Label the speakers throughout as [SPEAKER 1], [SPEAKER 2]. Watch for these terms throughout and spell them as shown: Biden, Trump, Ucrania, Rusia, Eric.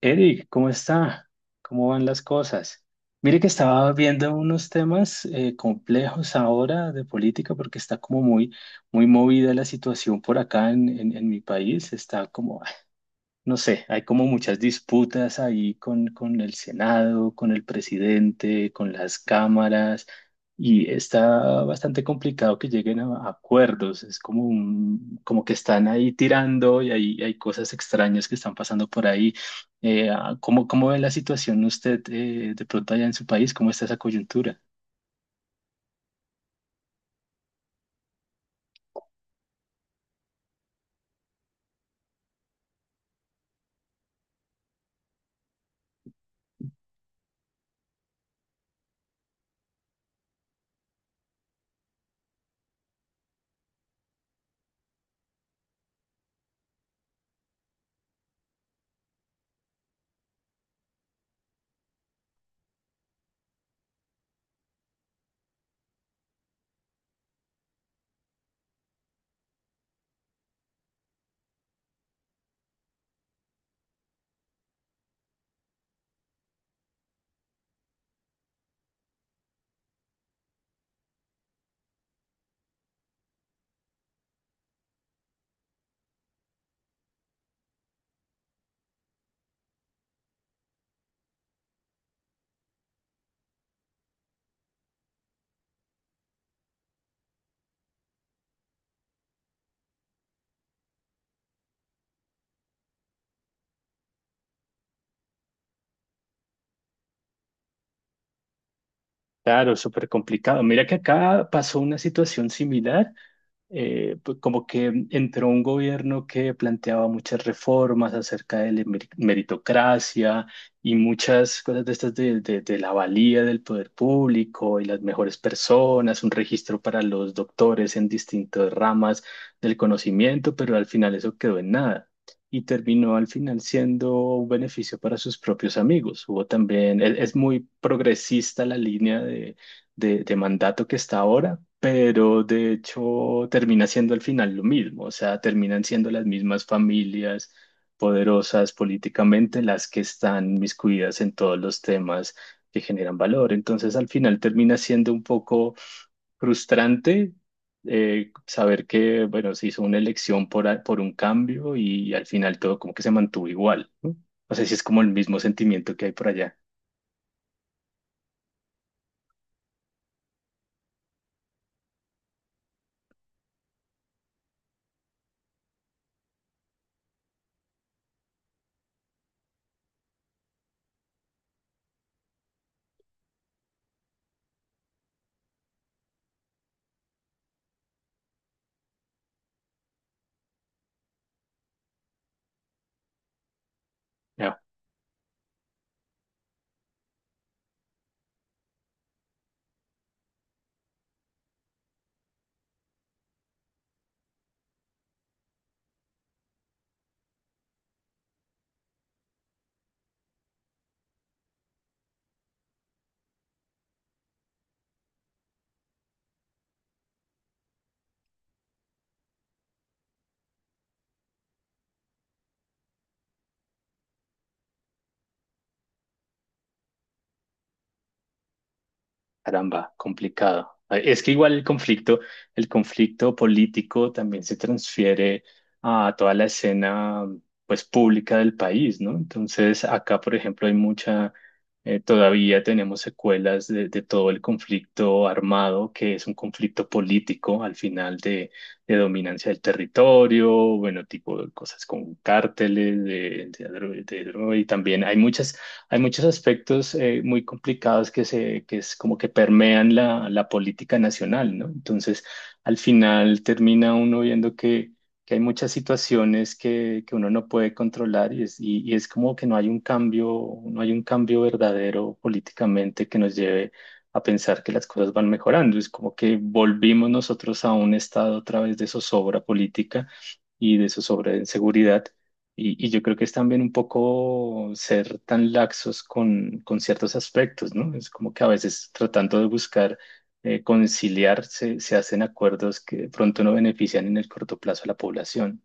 [SPEAKER 1] Eric, ¿cómo está? ¿Cómo van las cosas? Mire que estaba viendo unos temas complejos ahora de política porque está como muy movida la situación por acá en mi país. Está como, no sé, hay como muchas disputas ahí con el Senado, con el presidente, con las cámaras, y está bastante complicado que lleguen a acuerdos. Es como, como que están ahí tirando y hay cosas extrañas que están pasando por ahí. Cómo ve la situación usted de pronto allá en su país? ¿Cómo está esa coyuntura? Claro, súper complicado. Mira que acá pasó una situación similar. Pues como que entró un gobierno que planteaba muchas reformas acerca de la meritocracia y muchas cosas de estas de la valía del poder público y las mejores personas, un registro para los doctores en distintas ramas del conocimiento, pero al final eso quedó en nada. Y terminó al final siendo un beneficio para sus propios amigos. Hubo también, es muy progresista la línea de mandato que está ahora, pero de hecho termina siendo al final lo mismo, o sea, terminan siendo las mismas familias poderosas políticamente las que están miscuidas en todos los temas que generan valor. Entonces, al final termina siendo un poco frustrante. Saber que, bueno, se hizo una elección por un cambio y, al final todo como que se mantuvo igual, ¿no? No sé si es como el mismo sentimiento que hay por allá. Caramba, complicado. Es que igual el conflicto político también se transfiere a toda la escena, pues, pública del país, ¿no? Entonces, acá, por ejemplo, hay mucha, todavía tenemos secuelas de todo el conflicto armado, que es un conflicto político al final de dominancia del territorio, bueno, tipo de cosas con cárteles, de droga, y también hay muchas hay muchos aspectos muy complicados que que es como que permean la política nacional, ¿no? Entonces, al final termina uno viendo que hay muchas situaciones que uno no puede controlar y y es como que no hay un cambio, no hay un cambio verdadero políticamente que nos lleve a pensar que las cosas van mejorando. Es como que volvimos nosotros a un estado otra vez de zozobra política y de zozobra de inseguridad y yo creo que es también un poco ser tan laxos con ciertos aspectos, ¿no? Es como que a veces tratando de buscar conciliar se hacen acuerdos que de pronto no benefician en el corto plazo a la población.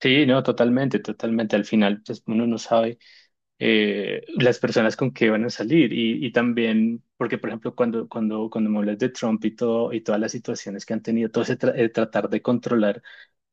[SPEAKER 1] Sí, no, totalmente, totalmente. Al final, pues uno no sabe. Las personas con que van a salir y también, porque por ejemplo, cuando me hablas de Trump y todo, y todas las situaciones que han tenido, todo ese tratar de controlar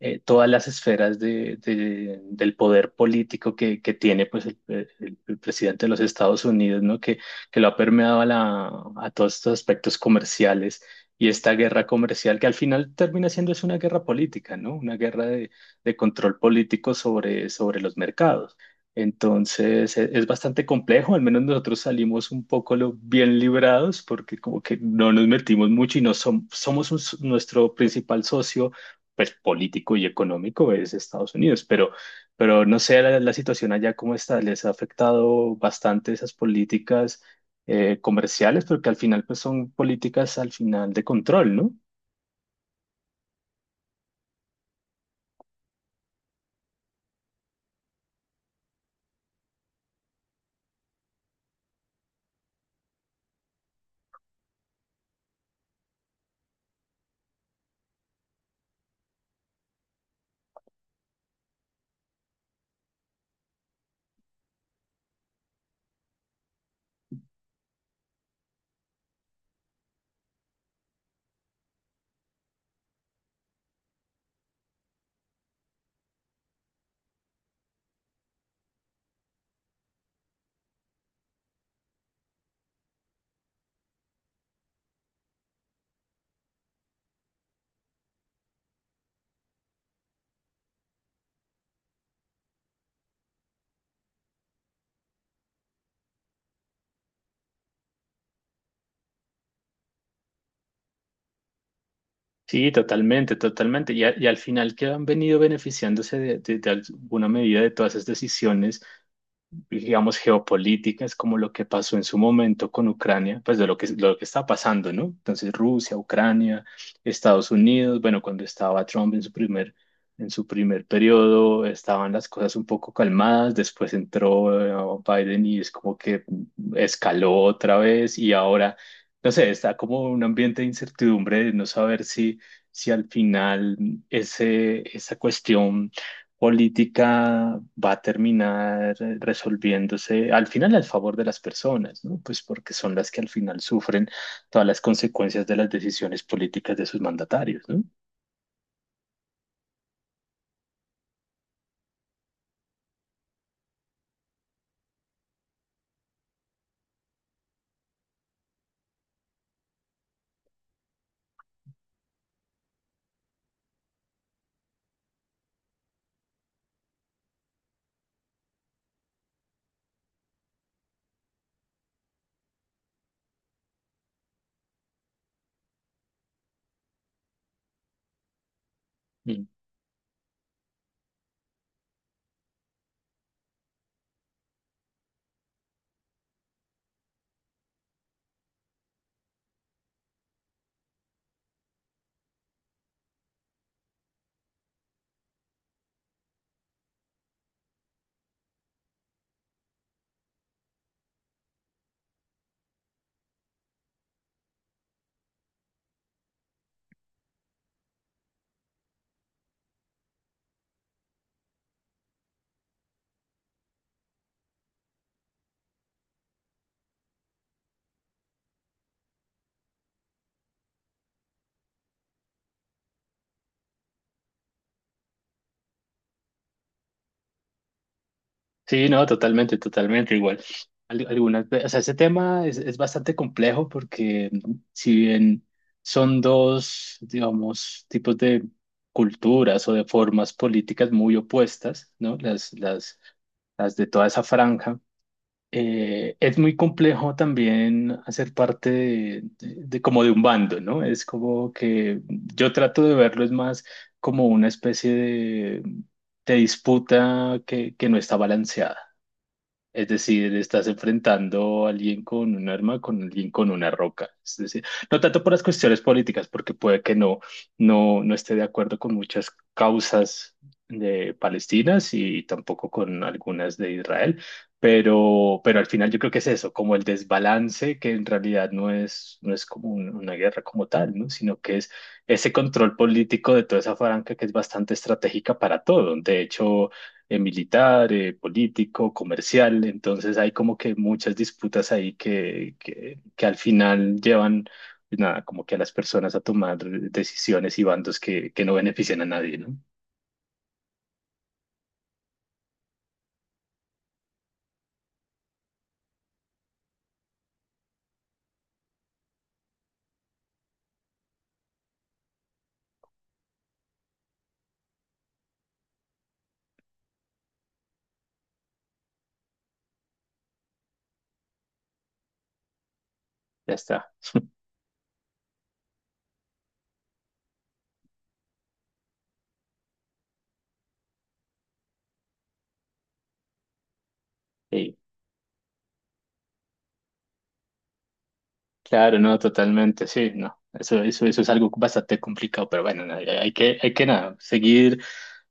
[SPEAKER 1] todas las esferas del poder político que tiene pues el presidente de los Estados Unidos, ¿no? Que lo ha permeado a todos estos aspectos comerciales. Y esta guerra comercial que al final termina siendo es una guerra política, ¿no? Una guerra de control político sobre los mercados. Entonces es bastante complejo, al menos nosotros salimos un poco bien librados porque como que no nos metimos mucho y no som- somos nuestro principal socio pues político y económico es Estados Unidos, pero no sé la situación allá cómo está, les ha afectado bastante esas políticas comerciales porque al final pues son políticas al final de control, ¿no? Sí, totalmente, totalmente. Y y al final que han venido beneficiándose de alguna medida de todas esas decisiones digamos, geopolíticas, como lo que pasó en su momento con Ucrania, pues de lo que está pasando, ¿no? Entonces, Rusia, Ucrania, Estados Unidos, bueno, cuando estaba Trump en su primer periodo, estaban las cosas un poco calmadas, después entró Biden y es como que escaló otra vez y ahora, no sé, está como un ambiente de incertidumbre de no saber si, si al final ese, esa cuestión política va a terminar resolviéndose al final al favor de las personas, ¿no? Pues porque son las que al final sufren todas las consecuencias de las decisiones políticas de sus mandatarios, ¿no? Mm. Sí, no, totalmente, totalmente igual. Algunas, o sea, ese tema es bastante complejo porque si bien son dos, digamos, tipos de culturas o de formas políticas muy opuestas, ¿no? Las de toda esa franja es muy complejo también hacer parte de como de un bando, ¿no? Es como que yo trato de verlo es más como una especie de disputa que no está balanceada. Es decir, estás enfrentando a alguien con un arma, con alguien con una roca. Es decir, no tanto por las cuestiones políticas, porque puede que no esté de acuerdo con muchas causas de palestinas y tampoco con algunas de Israel, pero al final yo creo que es eso, como el desbalance que en realidad no es, no es como una guerra como tal, ¿no? Sino que es ese control político de toda esa franja que es bastante estratégica para todo. De hecho, militar, político, comercial. Entonces hay como que muchas disputas ahí que al final llevan, pues, nada, como que a las personas a tomar decisiones y bandos que no benefician a nadie, ¿no? Ya está. Eh, Claro, no, totalmente, sí, no. Eso es algo bastante complicado, pero bueno, hay que nada, seguir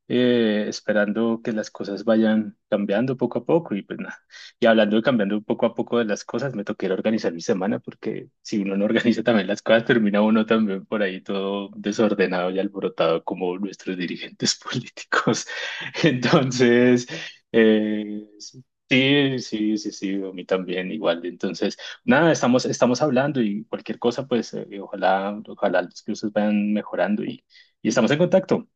[SPEAKER 1] esperando que las cosas vayan cambiando poco a poco y pues nada. Y hablando de cambiando poco a poco de las cosas, me toqué ir a organizar mi semana porque si uno no organiza también las cosas, termina uno también por ahí todo desordenado y alborotado como nuestros dirigentes políticos. Entonces, sí, sí, a mí también igual. Entonces... Nada, estamos, estamos hablando y cualquier cosa, pues ojalá, ojalá las cosas vayan mejorando y estamos en contacto.